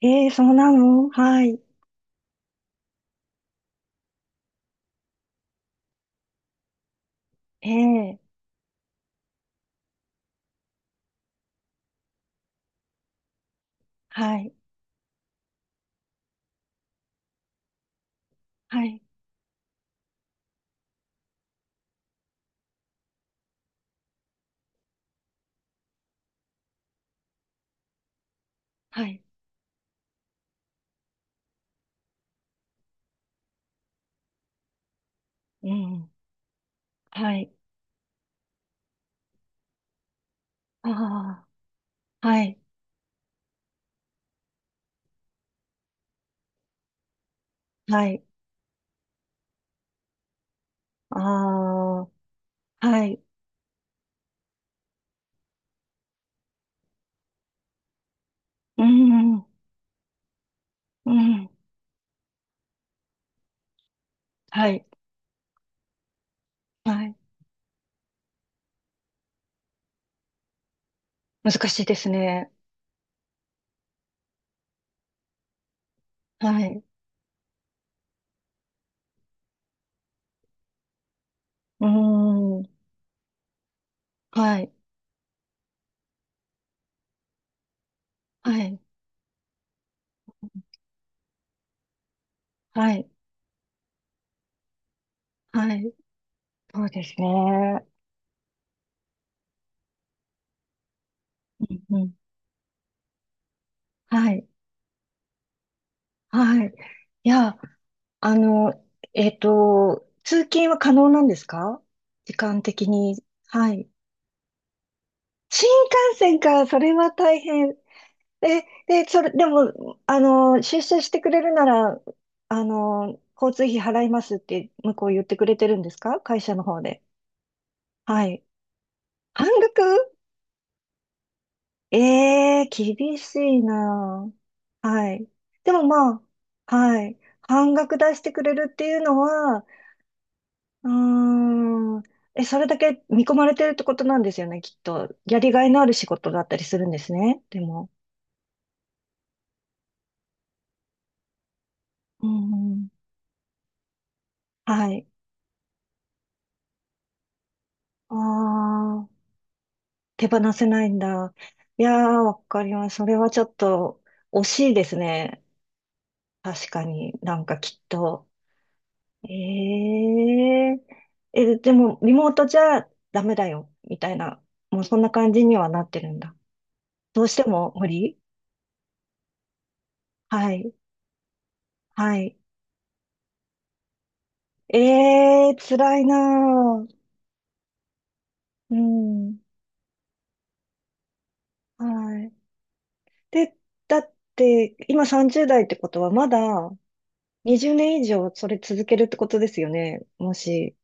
ええ、そうなの。はい。ええ、はい。はい。はい。うん。はい。ああ、はい。はい。ああ、はい。うん。うん。はい。はい。難しいですね。はい。うん。はい。はい。はい。はい。そうですね。うん。うん、はい。はい。いや、あの、通勤は可能なんですか、時間的に。はい。新幹線か、それは大変。え、で、それ、でも、出社してくれるなら、交通費払いますって向こう言ってくれてるんですか、会社の方で。はい。半額。ええー、厳しいな。あ、はい。でもまあ、はい。半額出してくれるっていうのは、うーん、え、それだけ見込まれてるってことなんですよね、きっと。やりがいのある仕事だったりするんですね、でも。うん、うん、はい。ああ、手放せないんだ。いやー、わかります。それはちょっと惜しいですね。確かに、なんかきっと。ええ、え、でも、リモートじゃダメだよ、みたいな、もうそんな感じにはなってるんだ。どうしても無理。はい、はい。ええ、辛いなー。うん、はい。で、だって、今30代ってことは、まだ、20年以上それ続けるってことですよね。もし。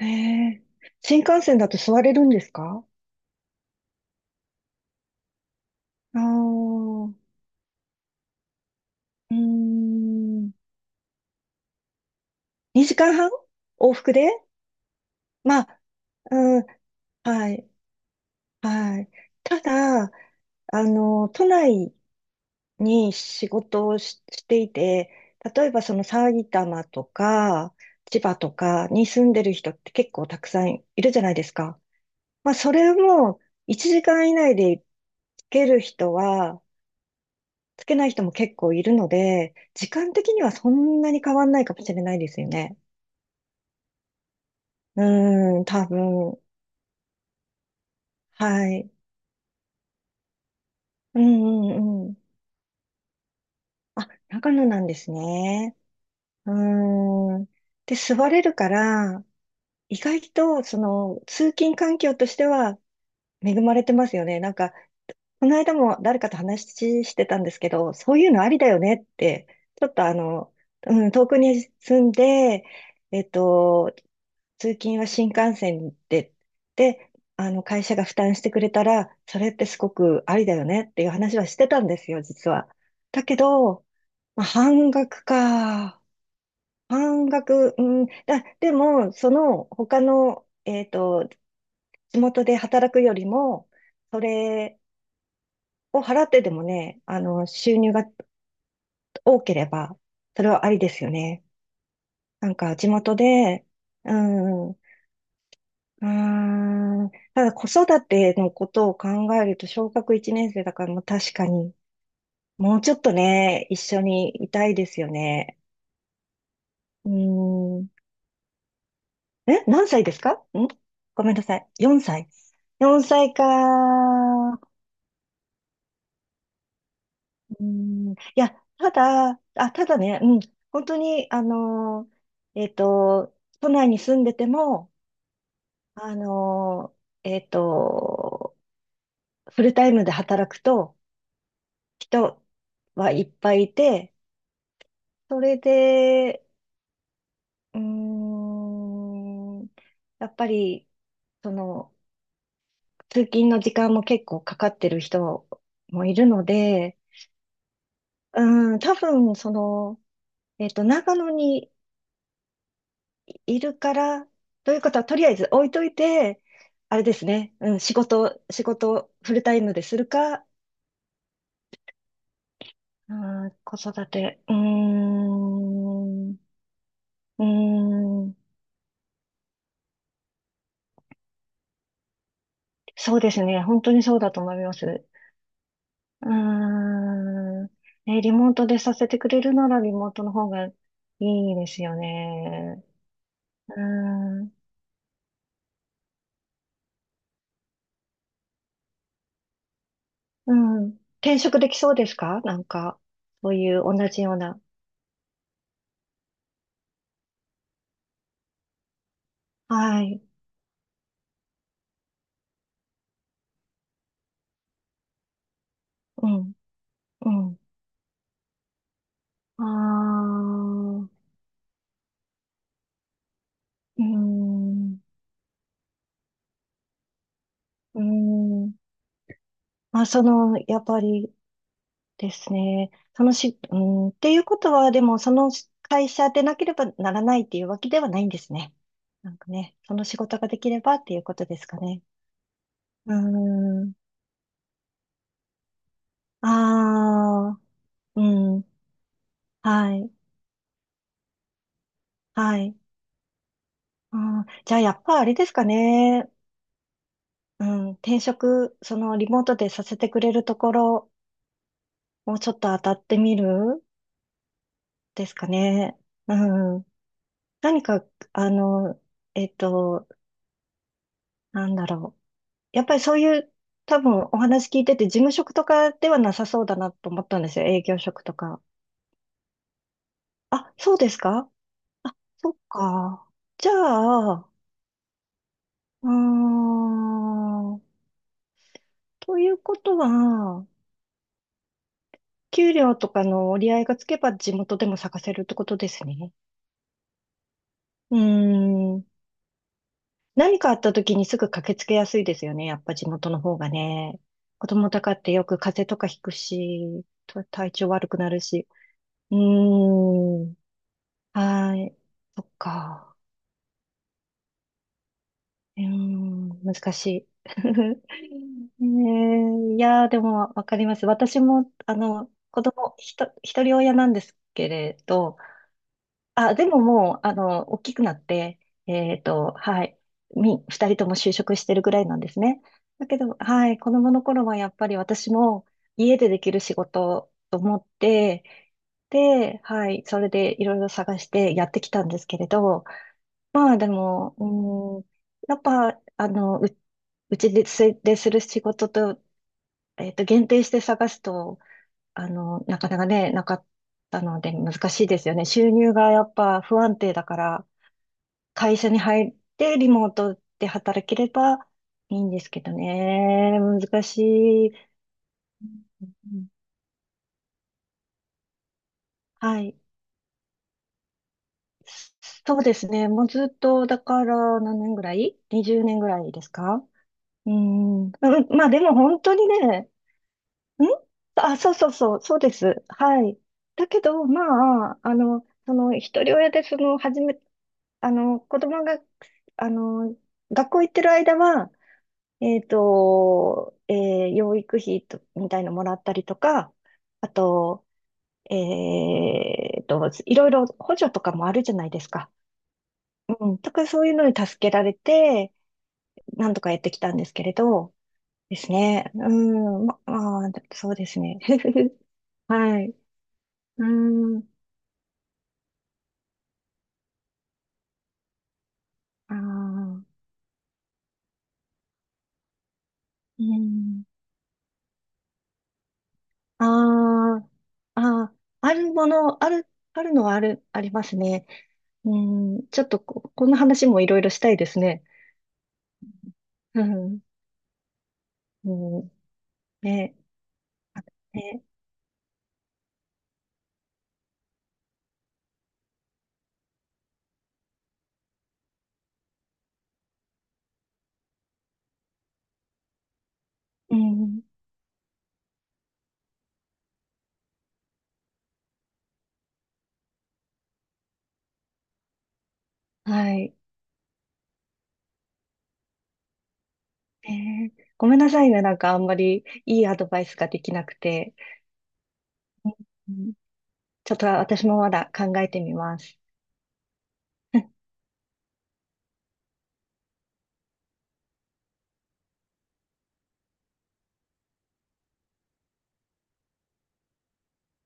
へえ。新幹線だと座れるんですか。ああー、うーん。2時間半。往復で。まあ、うん、はい、はい。ただ、都内に仕事をし、していて、例えばその埼玉とか、千葉とかに住んでる人って結構たくさんいるじゃないですか。まあ、それも1時間以内でつける人は、つけない人も結構いるので、時間的にはそんなに変わんないかもしれないですよね。うーん、多分。はい。うん、うん、うん。あ、長野なんですね。うーん。で、座れるから、意外と、その、通勤環境としては恵まれてますよね。なんか、この間も誰かと話してたんですけど、そういうのありだよねって、ちょっとあの、うん、遠くに住んで、えっと、通勤は新幹線で、で、会社が負担してくれたら、それってすごくありだよねっていう話はしてたんですよ、実は。だけど、まあ、半額か。半額、うん、でも、その、他の、えっと、地元で働くよりも、それ、を払ってでもね、収入が多ければ、それはありですよね。なんか、地元で、うん、うーん、ただ子育てのことを考えると、小学1年生だから、もう確かに、もうちょっとね、一緒にいたいですよね。うーん、え、何歳ですか。ごめんなさい。4歳。4歳か。うん、いや、ただね、うん、本当に、都内に住んでても、あのー、えっと、フルタイムで働くと、人はいっぱいいて、それで、うーん、やっぱり、その、通勤の時間も結構かかってる人もいるので、うん、多分、その、長野にいるから、ということは、とりあえず置いといて、あれですね。うん、仕事をフルタイムでするか、うん、子育て。うーん、うーん、そうですね。本当にそうだと思います。うーん、ね、リモートでさせてくれるならリモートの方がいいですよね。うーん、うん、転職できそうですか、なんか、そういう同じような。はい、うん、うん。ああ、うん、うん。まあ、その、やっぱりですね。そのし、うん、っていうことは、でも、その会社でなければならないっていうわけではないんですね。なんかね、その仕事ができればっていうことですかね。うーん、ああ、うん、はい、はい。あー、じゃあ、やっぱあれですかね。うん、その、リモートでさせてくれるところ、もうちょっと当たってみるですかね。うん。何か、あの、えっと、なんだろう。やっぱりそういう、多分お話聞いてて、事務職とかではなさそうだなと思ったんですよ。営業職とか。あ、そうですか。あ、そっか。じゃあ、うーん。ということは、給料とかの折り合いがつけば地元でも探せるってことですね。うーん。何かあった時にすぐ駆けつけやすいですよね。やっぱ地元の方がね。子供とかってよく風邪とかひくし、体調悪くなるし。うーん。はい。そっか。うーん。難しい。ねえ、いやー、でもわかります。私も、子供、ひと、一人親なんですけれど、あ、でももう、大きくなって、はい、二人とも就職してるぐらいなんですね。だけど、はい、子供の頃はやっぱり私も家でできる仕事と思って、で、はい、それでいろいろ探してやってきたんですけれど、まあでも、うーん、やっぱ、うちです、でする仕事と、限定して探すと、なかなかね、なかったので難しいですよね。収入がやっぱ不安定だから、会社に入ってリモートで働ければいいんですけどね。難しい。うん、はい。そうですね。もうずっと、だから何年ぐらい？ 20 年ぐらいですか。うん。うん、まあでも本当にね、ん、あ、そうです。はい。だけど、まあ、一人親で、子供が、あの、学校行ってる間は、えっと、えー養育費とみたいのもらったりとか、あと、えっと、いろいろ補助とかもあるじゃないですか。うん、とかそういうのに助けられて、なんとかやってきたんですけれど、ですね。うん、まあ、そうですね。はい。うん、ああ、うん。あー、あー、あるもの、ある、あるのはある、ありますね。うん、ちょっとこ、この話もいろいろしたいですね。うん、うん、ね、あ、ね、うん、はい。ね、ごめんなさいね、なんかあんまりいいアドバイスができなくて。うん、ちょっと私もまだ考えてみます。